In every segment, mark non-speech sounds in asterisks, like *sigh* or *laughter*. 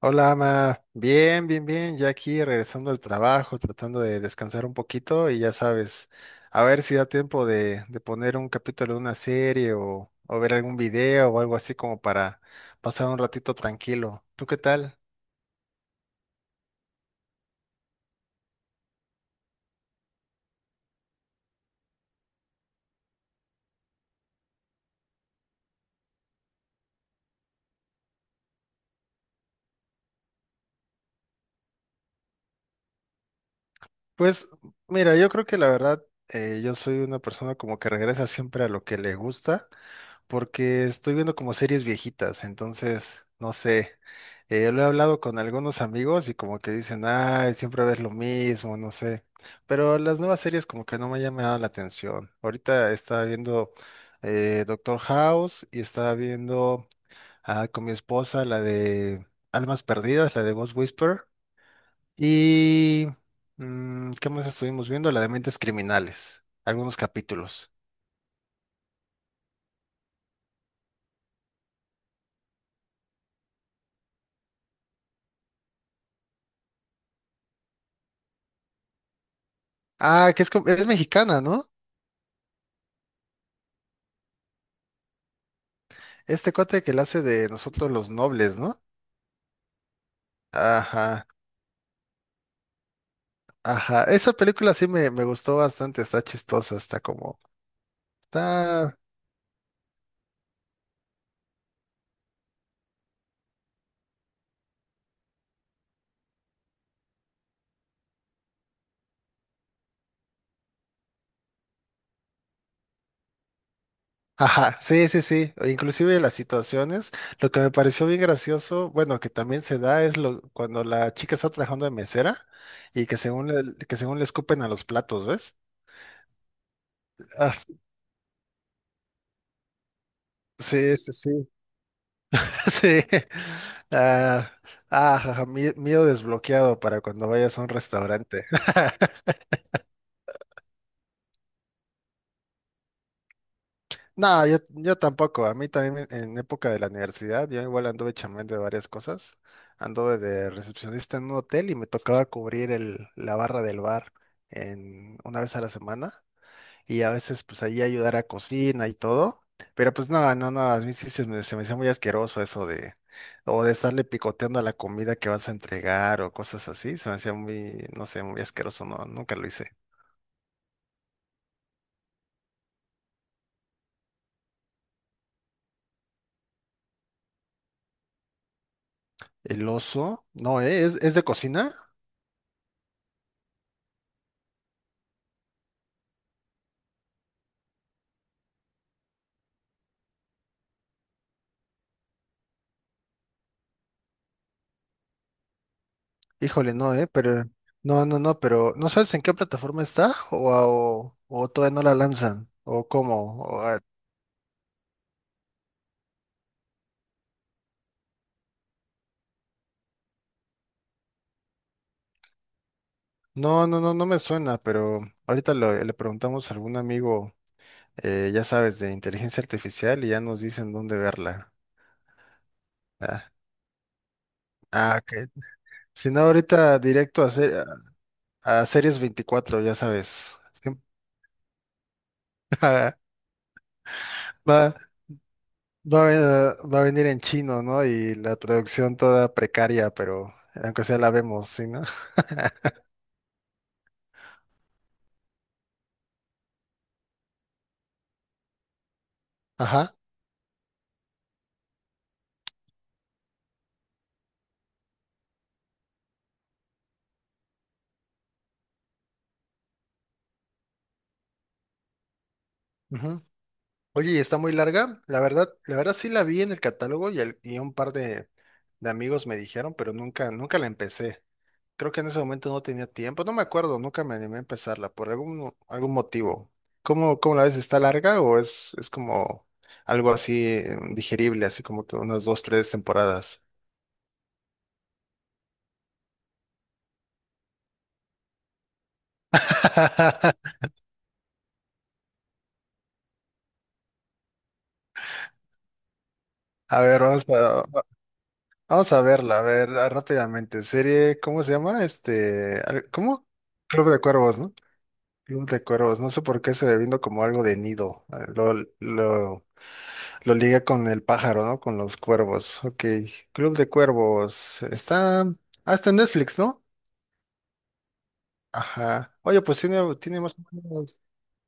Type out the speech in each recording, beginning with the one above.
Hola, Ama. Bien, bien, bien. Ya aquí regresando al trabajo, tratando de descansar un poquito y ya sabes, a ver si da tiempo de poner un capítulo de una serie o ver algún video o algo así como para pasar un ratito tranquilo. ¿Tú qué tal? Pues mira, yo creo que la verdad, yo soy una persona como que regresa siempre a lo que le gusta, porque estoy viendo como series viejitas. Entonces, no sé, lo he hablado con algunos amigos y como que dicen, ay, siempre ves lo mismo, no sé, pero las nuevas series como que no me han llamado la atención. Ahorita estaba viendo Doctor House, y estaba viendo con mi esposa la de Almas Perdidas, la de Ghost Whisperer, y ¿qué más estuvimos viendo? La de Mentes Criminales, algunos capítulos. Ah, que es, es mexicana, ¿no? Este cuate que la hace de Nosotros los Nobles, ¿no? Ajá, ajá. Esa película sí me gustó bastante, está chistosa. Está... Ajá, sí, sí, sí. O inclusive las situaciones. Lo que me pareció bien gracioso, bueno, que también se da es cuando la chica está trabajando de mesera, y que según le escupen a los platos, ¿ves? Ah, sí, sí, sí. *laughs* Sí. Ah, ah, jaja, miedo desbloqueado para cuando vayas a un restaurante. No, yo tampoco. A mí también en época de la universidad, yo igual anduve chambeando de varias cosas. Anduve de recepcionista en un hotel y me tocaba cubrir el, la barra del bar una vez a la semana. Y a veces pues ahí ayudar a cocina y todo. Pero pues no, no, no, a mí sí se me hacía muy asqueroso eso de, o de estarle picoteando a la comida que vas a entregar o cosas así. Se me hacía muy, no sé, muy asqueroso. No, nunca lo hice. El Oso, no, ¿eh? ¿Es de cocina? Híjole, no, pero no, no, no, pero ¿no sabes en qué plataforma está? O todavía no la lanzan, o cómo. No, no, no, no me suena, pero ahorita le preguntamos a algún amigo, ya sabes, de inteligencia artificial, y ya nos dicen dónde verla. Ah, ah, ok. Si no, ahorita directo a Series 24, ya sabes. *laughs* Va, va, va a venir en chino, ¿no? Y la traducción toda precaria, pero aunque sea la vemos, ¿sí, no? *laughs* Ajá. Ujú. Oye, y está muy larga. La verdad sí la vi en el catálogo, y y un par de amigos me dijeron, pero nunca, nunca la empecé. Creo que en ese momento no tenía tiempo, no me acuerdo, nunca me animé a empezarla por algún motivo. ¿Cómo la ves? ¿Está larga, o es como algo así digerible, así como que unas dos, tres temporadas? *laughs* A ver, vamos a verla, a ver, rápidamente. Serie, ¿cómo se llama? Este, ¿cómo? Club de Cuervos, ¿no? Club de Cuervos, no sé por qué se me vino como algo de nido. Lo, lo ligué con el pájaro, ¿no? Con los cuervos. Ok, Club de Cuervos. Está hasta en Netflix, ¿no? Ajá. Oye, pues tiene, tiene más o menos-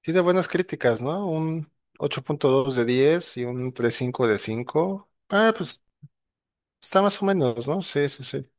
tiene buenas críticas, ¿no? Un 8.2 de 10 y un 3.5 de 5. Ah, pues está más o menos, ¿no? Sí, sí, sí.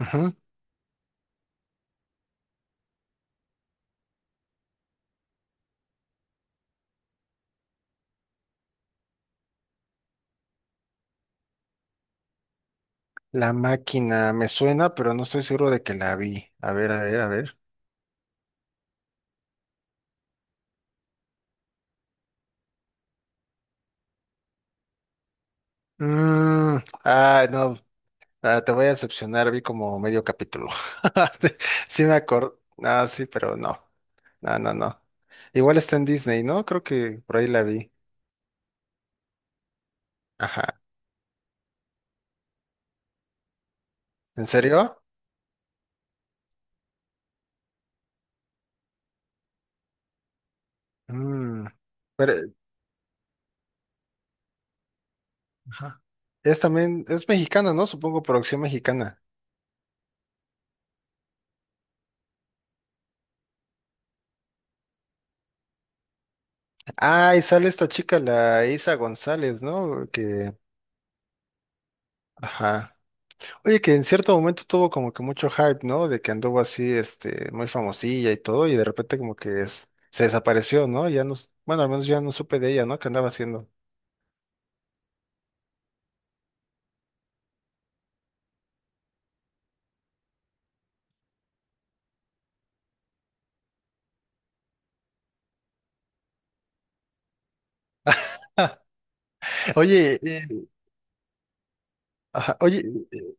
Ujú. La Máquina me suena, pero no estoy seguro de que la vi. A ver, a ver, a ver. Mm, ah, no. Ah, te voy a decepcionar, vi como medio capítulo. *laughs* Te- Sí me acuerdo. Ah, sí, pero no. No, no, no. Igual está en Disney, ¿no? Creo que por ahí la vi. Ajá. ¿En serio? Mm. Pero, ajá. Es también, es mexicana, ¿no? Supongo producción mexicana. Ah, y sale esta chica, la Isa González, ¿no? Ajá. Oye, que en cierto momento tuvo como que mucho hype, ¿no? De que anduvo así, este, muy famosilla y todo, y de repente como que se desapareció, ¿no? Ya no, bueno, al menos ya no supe de ella, ¿no? ¿Qué andaba haciendo? *laughs* Oye, ajá, oye, eh,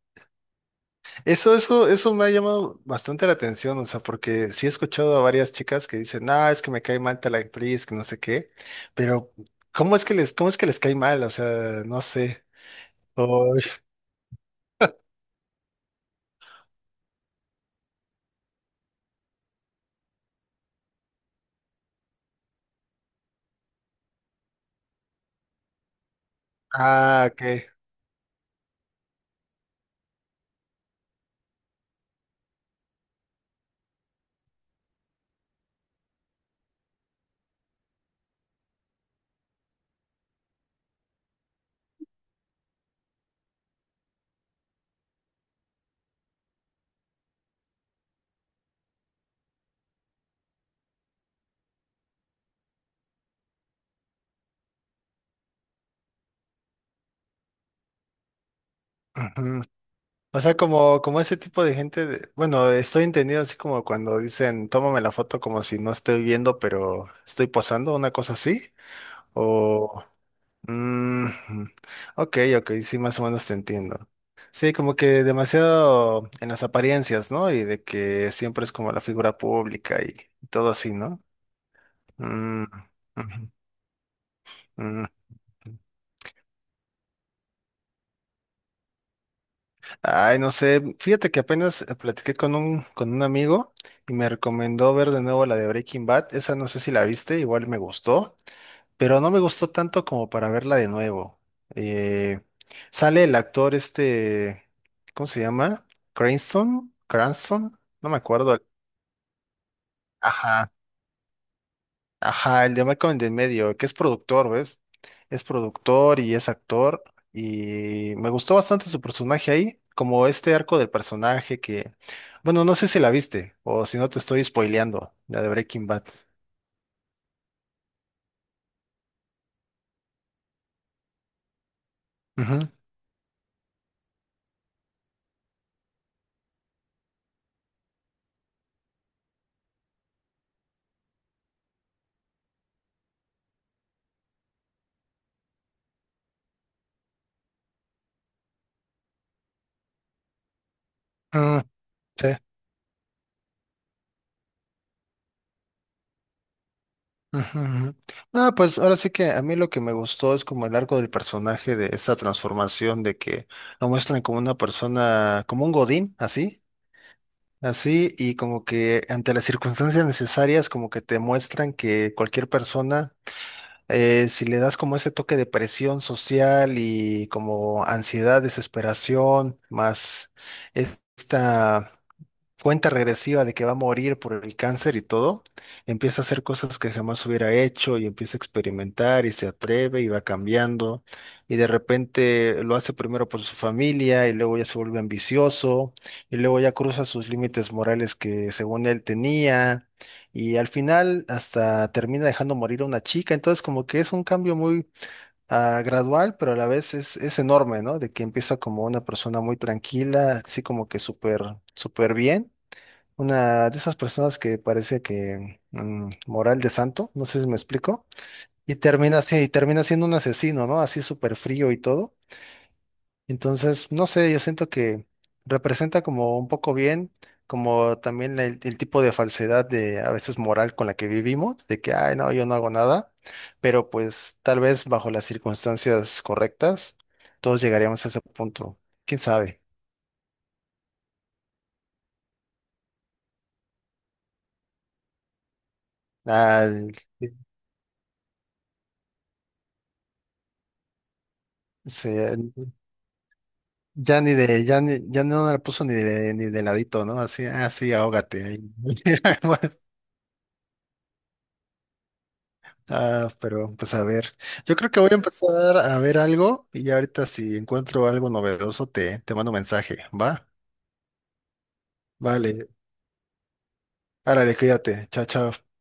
eso me ha llamado bastante la atención, o sea, porque sí he escuchado a varias chicas que dicen, ah, es que me cae mal tal actriz, que no sé qué, pero ¿cómo es que les cae mal? O sea, no sé. O- ah, ok. Ujú. O sea, como ese tipo de gente, bueno, estoy entendido así como cuando dicen, tómame la foto como si no estoy viendo, pero estoy posando, una cosa así. O, mm, ok, ok, sí, más o menos te entiendo. Sí, como que demasiado en las apariencias, ¿no? Y de que siempre es como la figura pública y todo así, ¿no? Mm, ujú, mm. Ay, no sé, fíjate que apenas platiqué con un amigo, y me recomendó ver de nuevo la de Breaking Bad. Esa no sé si la viste, igual me gustó, pero no me gustó tanto como para verla de nuevo. Eh, Sale el actor este, ¿cómo se llama? Cranston, Cranston, no me acuerdo. Ajá. Ajá, el de Malcolm de en Medio, que es productor, ¿ves? Es productor y es actor. Y me gustó bastante su personaje ahí, como este arco del personaje que, bueno, no sé si la viste o si no te estoy spoileando, la de Breaking Bad. Ujú, mm, sí, ujú, ujú. Ah, pues ahora sí que a mí lo que me gustó es como el arco del personaje, de esta transformación, de que lo muestran como una persona, como un godín, así, así, y como que ante las circunstancias necesarias, como que te muestran que cualquier persona, si le das como ese toque de presión social, y como ansiedad, desesperación, más esta cuenta regresiva de que va a morir por el cáncer y todo, empieza a hacer cosas que jamás hubiera hecho, y empieza a experimentar, y se atreve, y va cambiando, y de repente lo hace primero por su familia, y luego ya se vuelve ambicioso, y luego ya cruza sus límites morales que según él tenía, y al final hasta termina dejando morir a una chica. Entonces, como que es un cambio muy gradual, pero a la vez es enorme, ¿no? De que empieza como una persona muy tranquila, así como que súper, súper bien. Una de esas personas que parece que moral de santo, no sé si me explico, y termina así, y termina siendo un asesino, ¿no? Así súper frío y todo. Entonces, no sé, yo siento que representa como un poco bien, como también el tipo de falsedad de a veces moral con la que vivimos, de que, ay, no, yo no hago nada, pero pues tal vez bajo las circunstancias correctas, todos llegaríamos a ese punto. ¿Quién sabe? Al- Sí, ya no la puso ni de, ladito, ¿no? Así, así, ahógate ahí. *laughs* Bueno, ah, pero pues a ver. Yo creo que voy a empezar a ver algo, y ya ahorita si encuentro algo novedoso te mando mensaje, ¿va? Vale, árale, cuídate. Chao, chao.